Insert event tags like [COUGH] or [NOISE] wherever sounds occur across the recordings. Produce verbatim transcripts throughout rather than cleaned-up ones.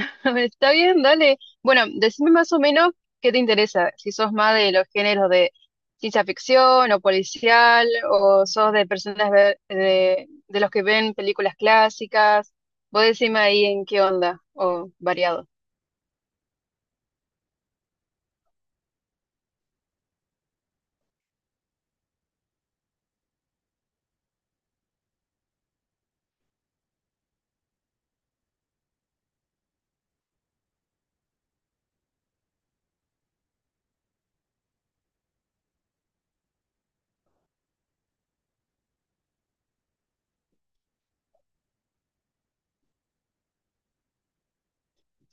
[LAUGHS] Está bien, dale. Bueno, decime más o menos qué te interesa, si sos más de los géneros de ciencia ficción o policial, o sos de personas ver- de, de los que ven películas clásicas. Vos decime ahí en qué onda, o variado.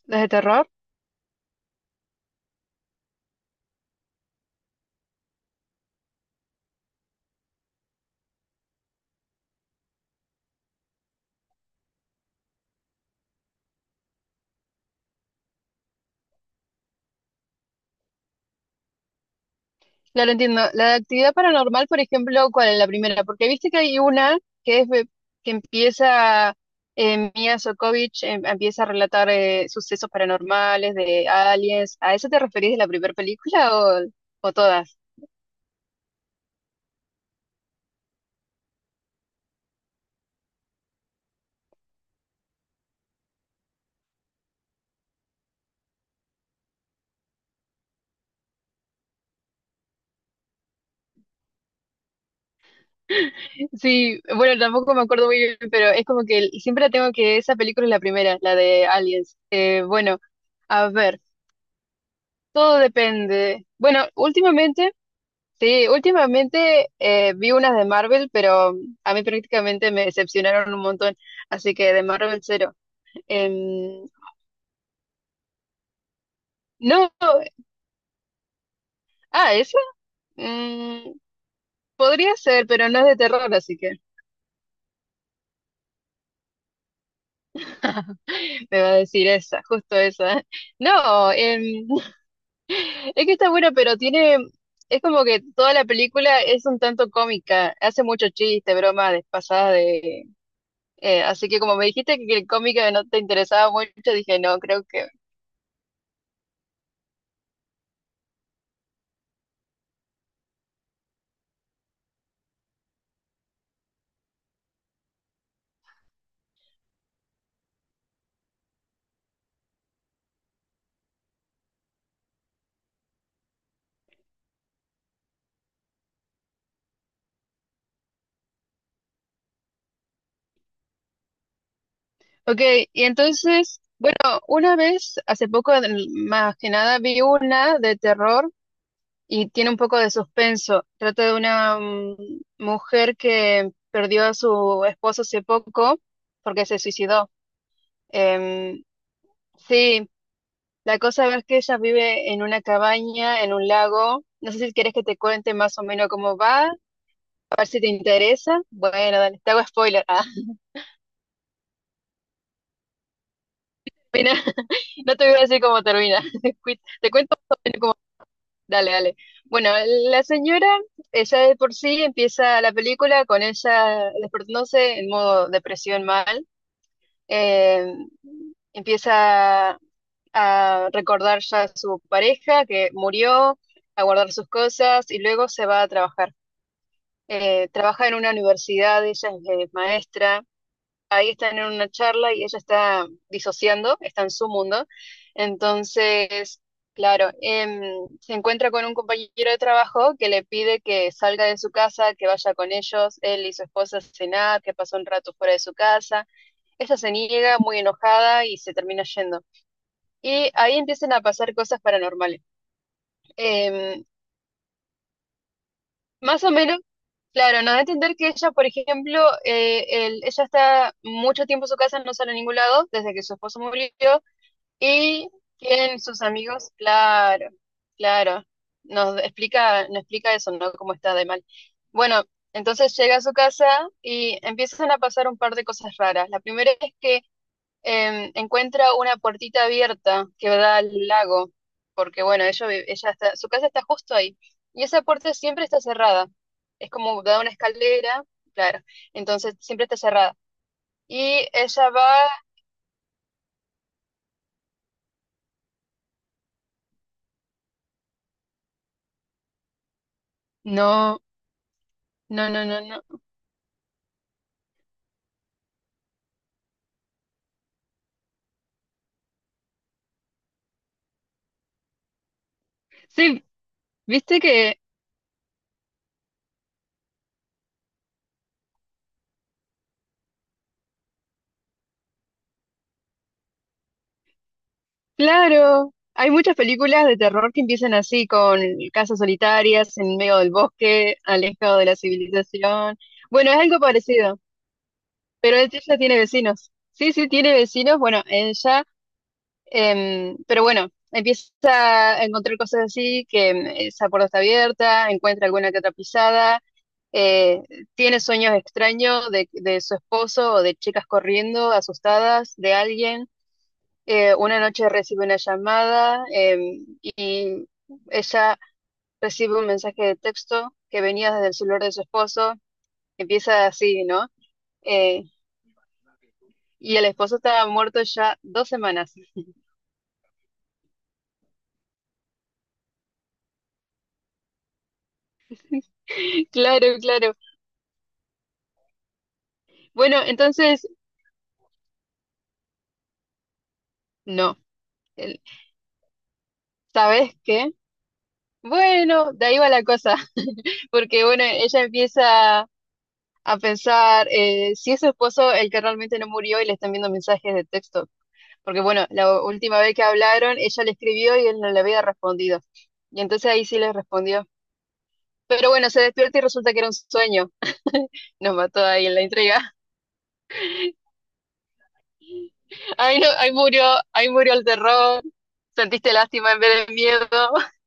¿Desde terror? Claro, entiendo. La de actividad paranormal, por ejemplo, ¿cuál es la primera? Porque viste que hay una que es de- que empieza eh, Mia Sokovich, em- empieza a relatar eh, sucesos paranormales de aliens. ¿A eso te referís de la primera película o, o todas? [LAUGHS] Sí, bueno, tampoco me acuerdo muy bien, pero es como que el- siempre la tengo que esa película es la primera, la de aliens. Eh, bueno, a ver, todo depende. Bueno, últimamente sí, últimamente eh, vi unas de Marvel, pero a mí prácticamente me decepcionaron un montón, así que de Marvel cero. Em, no, ah, esa mm, podría ser, pero no es de terror, así que [LAUGHS] me va a decir esa, justo esa. No, em, [LAUGHS] es que está bueno, pero tiene, es como que toda la película es un tanto cómica, hace mucho chiste, broma despasada de... eh, así que como me dijiste que el cómica no te interesaba mucho, dije, no, creo que ok, y entonces, bueno, una vez, hace poco, en- más que nada, vi una de terror y tiene un poco de suspenso. Trata de una mm, mujer que perdió a su esposo hace poco porque se suicidó. Em, sí, la cosa es que ella vive en una cabaña, en un lago. No sé si quieres que te cuente más o menos cómo va, a ver si te interesa. Bueno, dale, te hago spoiler. Ah, [LAUGHS] mira, [LAUGHS] no te voy a decir cómo termina. [LAUGHS] Te cuento dale, dale. Bueno, la señora, ella de por sí empieza la película con ella despertándose en modo depresión mal. Eh, Empieza a recordar ya a su pareja que murió, a guardar sus cosas y luego se va a trabajar. Eh, trabaja en una universidad, ella es eh, maestra, ahí están en una charla y ella está disociando, está en su mundo. Entonces, claro, em, se encuentra con un compañero de trabajo que le pide que salga de su casa, que vaya con ellos, él y su esposa a cenar, que pasó un rato fuera de su casa. Ella se niega muy enojada y se termina yendo. Y ahí empiezan a pasar cosas paranormales. Em, Más o menos claro, nos da a entender que ella, por ejemplo, eh, el- ella está mucho tiempo en su casa, no sale a ningún lado, desde que su esposo murió, y tienen sus amigos, claro, claro. Nos explica, nos explica eso, ¿no? Cómo está de mal. Bueno, entonces llega a su casa y empiezan a pasar un par de cosas raras. La primera es que eh, encuentra una puertita abierta que da al lago, porque bueno, ella, vi- ella está, su casa está justo ahí. Y esa puerta siempre está cerrada. Es como da una escalera, claro. Entonces siempre está cerrada. Y ella va, no, no, no, no, no. Sí, viste que, claro, hay muchas películas de terror que empiezan así, con casas solitarias en medio del bosque, alejado de la civilización. Bueno, es algo parecido, pero ella tiene vecinos. Sí, sí, tiene vecinos, bueno, ella, em, pero bueno, empieza a encontrar cosas así, que em, esa puerta está abierta, encuentra alguna que otra pisada, eh, tiene sueños extraños de, de su esposo o de chicas corriendo, asustadas, de alguien. Eh, una noche recibe una llamada em, y ella recibe un mensaje de texto que venía desde el celular de su esposo. Empieza así, ¿no? Eh, y el esposo estaba muerto ya dos semanas. [LAUGHS] Claro, claro. Bueno, entonces, no. El- ¿Sabes qué? Bueno, de ahí va la cosa. [LAUGHS] Porque, bueno, ella empieza a pensar eh, si es su esposo el que realmente no murió y le están viendo mensajes de texto. Porque bueno, la última vez que hablaron, ella le escribió y él no le había respondido. Y entonces ahí sí le respondió. Pero bueno, se despierta y resulta que era un sueño. Nos mató ahí en la entrega. [LAUGHS] Ahí, no, ahí murió, ahí murió el terror. Sentiste lástima en vez de miedo. [LAUGHS]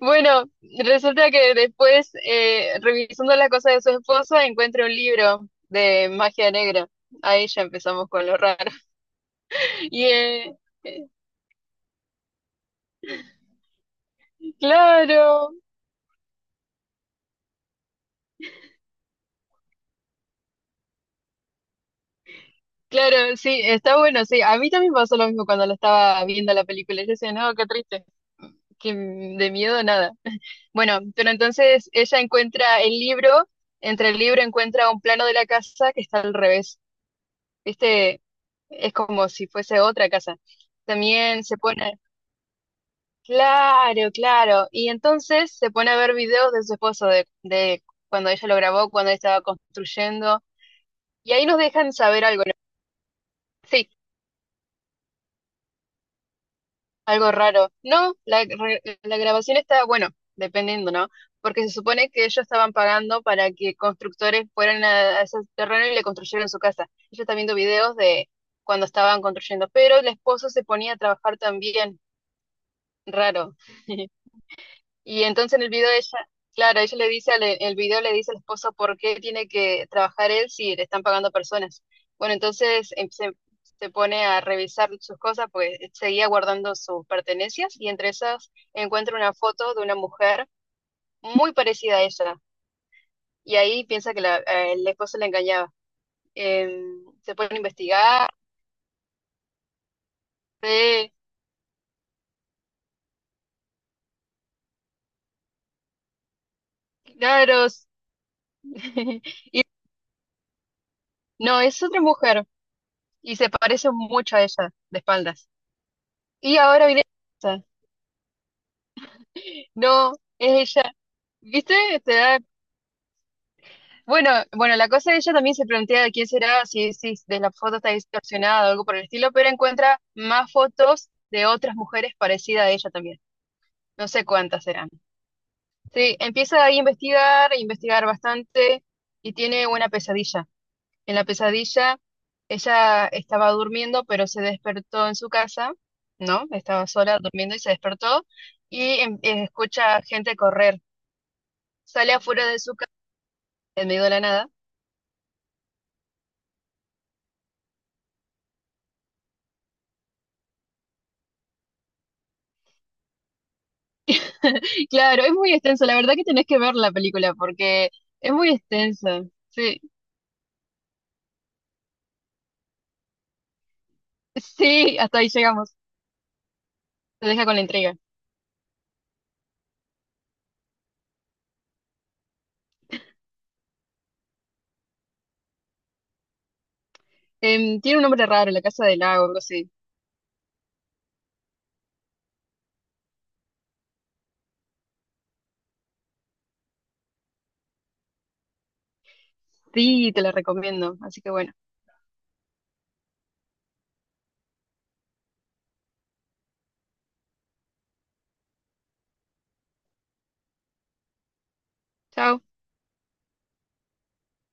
Bueno, resulta que después, eh, revisando las cosas de su esposa, encuentra un libro de magia negra. Ahí ya empezamos con lo raro. [LAUGHS] Y eh, eh, claro, claro, sí, está bueno, sí. A mí también pasó lo mismo cuando la estaba viendo la película. Yo decía, no, qué triste, que mm, de miedo nada. Bueno, pero entonces ella encuentra el libro, entre el libro encuentra un plano de la casa que está al revés. ¿Viste? Es como si fuese otra casa. También se pone, claro, claro. Y entonces se pone a ver videos de su esposo, de, de cuando ella lo grabó, cuando ella estaba construyendo. Y ahí nos dejan saber algo, ¿no? Sí, algo raro. No, la, re- la grabación está, bueno, dependiendo, ¿no? Porque se supone que ellos estaban pagando para que constructores fueran a, a ese terreno y le construyeran su casa. Ella está viendo videos de cuando estaban construyendo, pero el esposo se ponía a trabajar también, raro. [LAUGHS] Y entonces en el video ella, claro, ella le dice, al, el video le dice al esposo por qué tiene que trabajar él si le están pagando personas. Bueno, entonces em- se, se pone a revisar sus cosas, pues seguía guardando sus pertenencias y entre esas encuentra una foto de una mujer muy parecida a ella. Y ahí piensa que la, eh, el esposo la engañaba. Em, se pone a investigar, ve, claro, [LAUGHS] y no, es otra mujer y se parece mucho a ella de espaldas. Y ahora viene... No, es ella. ¿Viste? Te da- Bueno, bueno, la cosa es que ella también se plantea de quién será, si, si de la foto está distorsionada o algo por el estilo, pero encuentra más fotos de otras mujeres parecidas a ella también. No sé cuántas serán. Sí, empieza ahí a investigar, a investigar bastante y tiene una pesadilla. En la pesadilla ella estaba durmiendo, pero se despertó en su casa, ¿no? Estaba sola durmiendo y se despertó y em- eh, escucha gente correr. Sale afuera de su en medio de la nada. [LAUGHS] Claro, es muy extenso. La verdad que tenés que ver la película porque es muy extensa. Sí, sí, hasta ahí llegamos. Te deja con la intriga. Em, tiene un nombre raro, La Casa del Lago, algo así. Sí, te la recomiendo. Así que bueno, chao.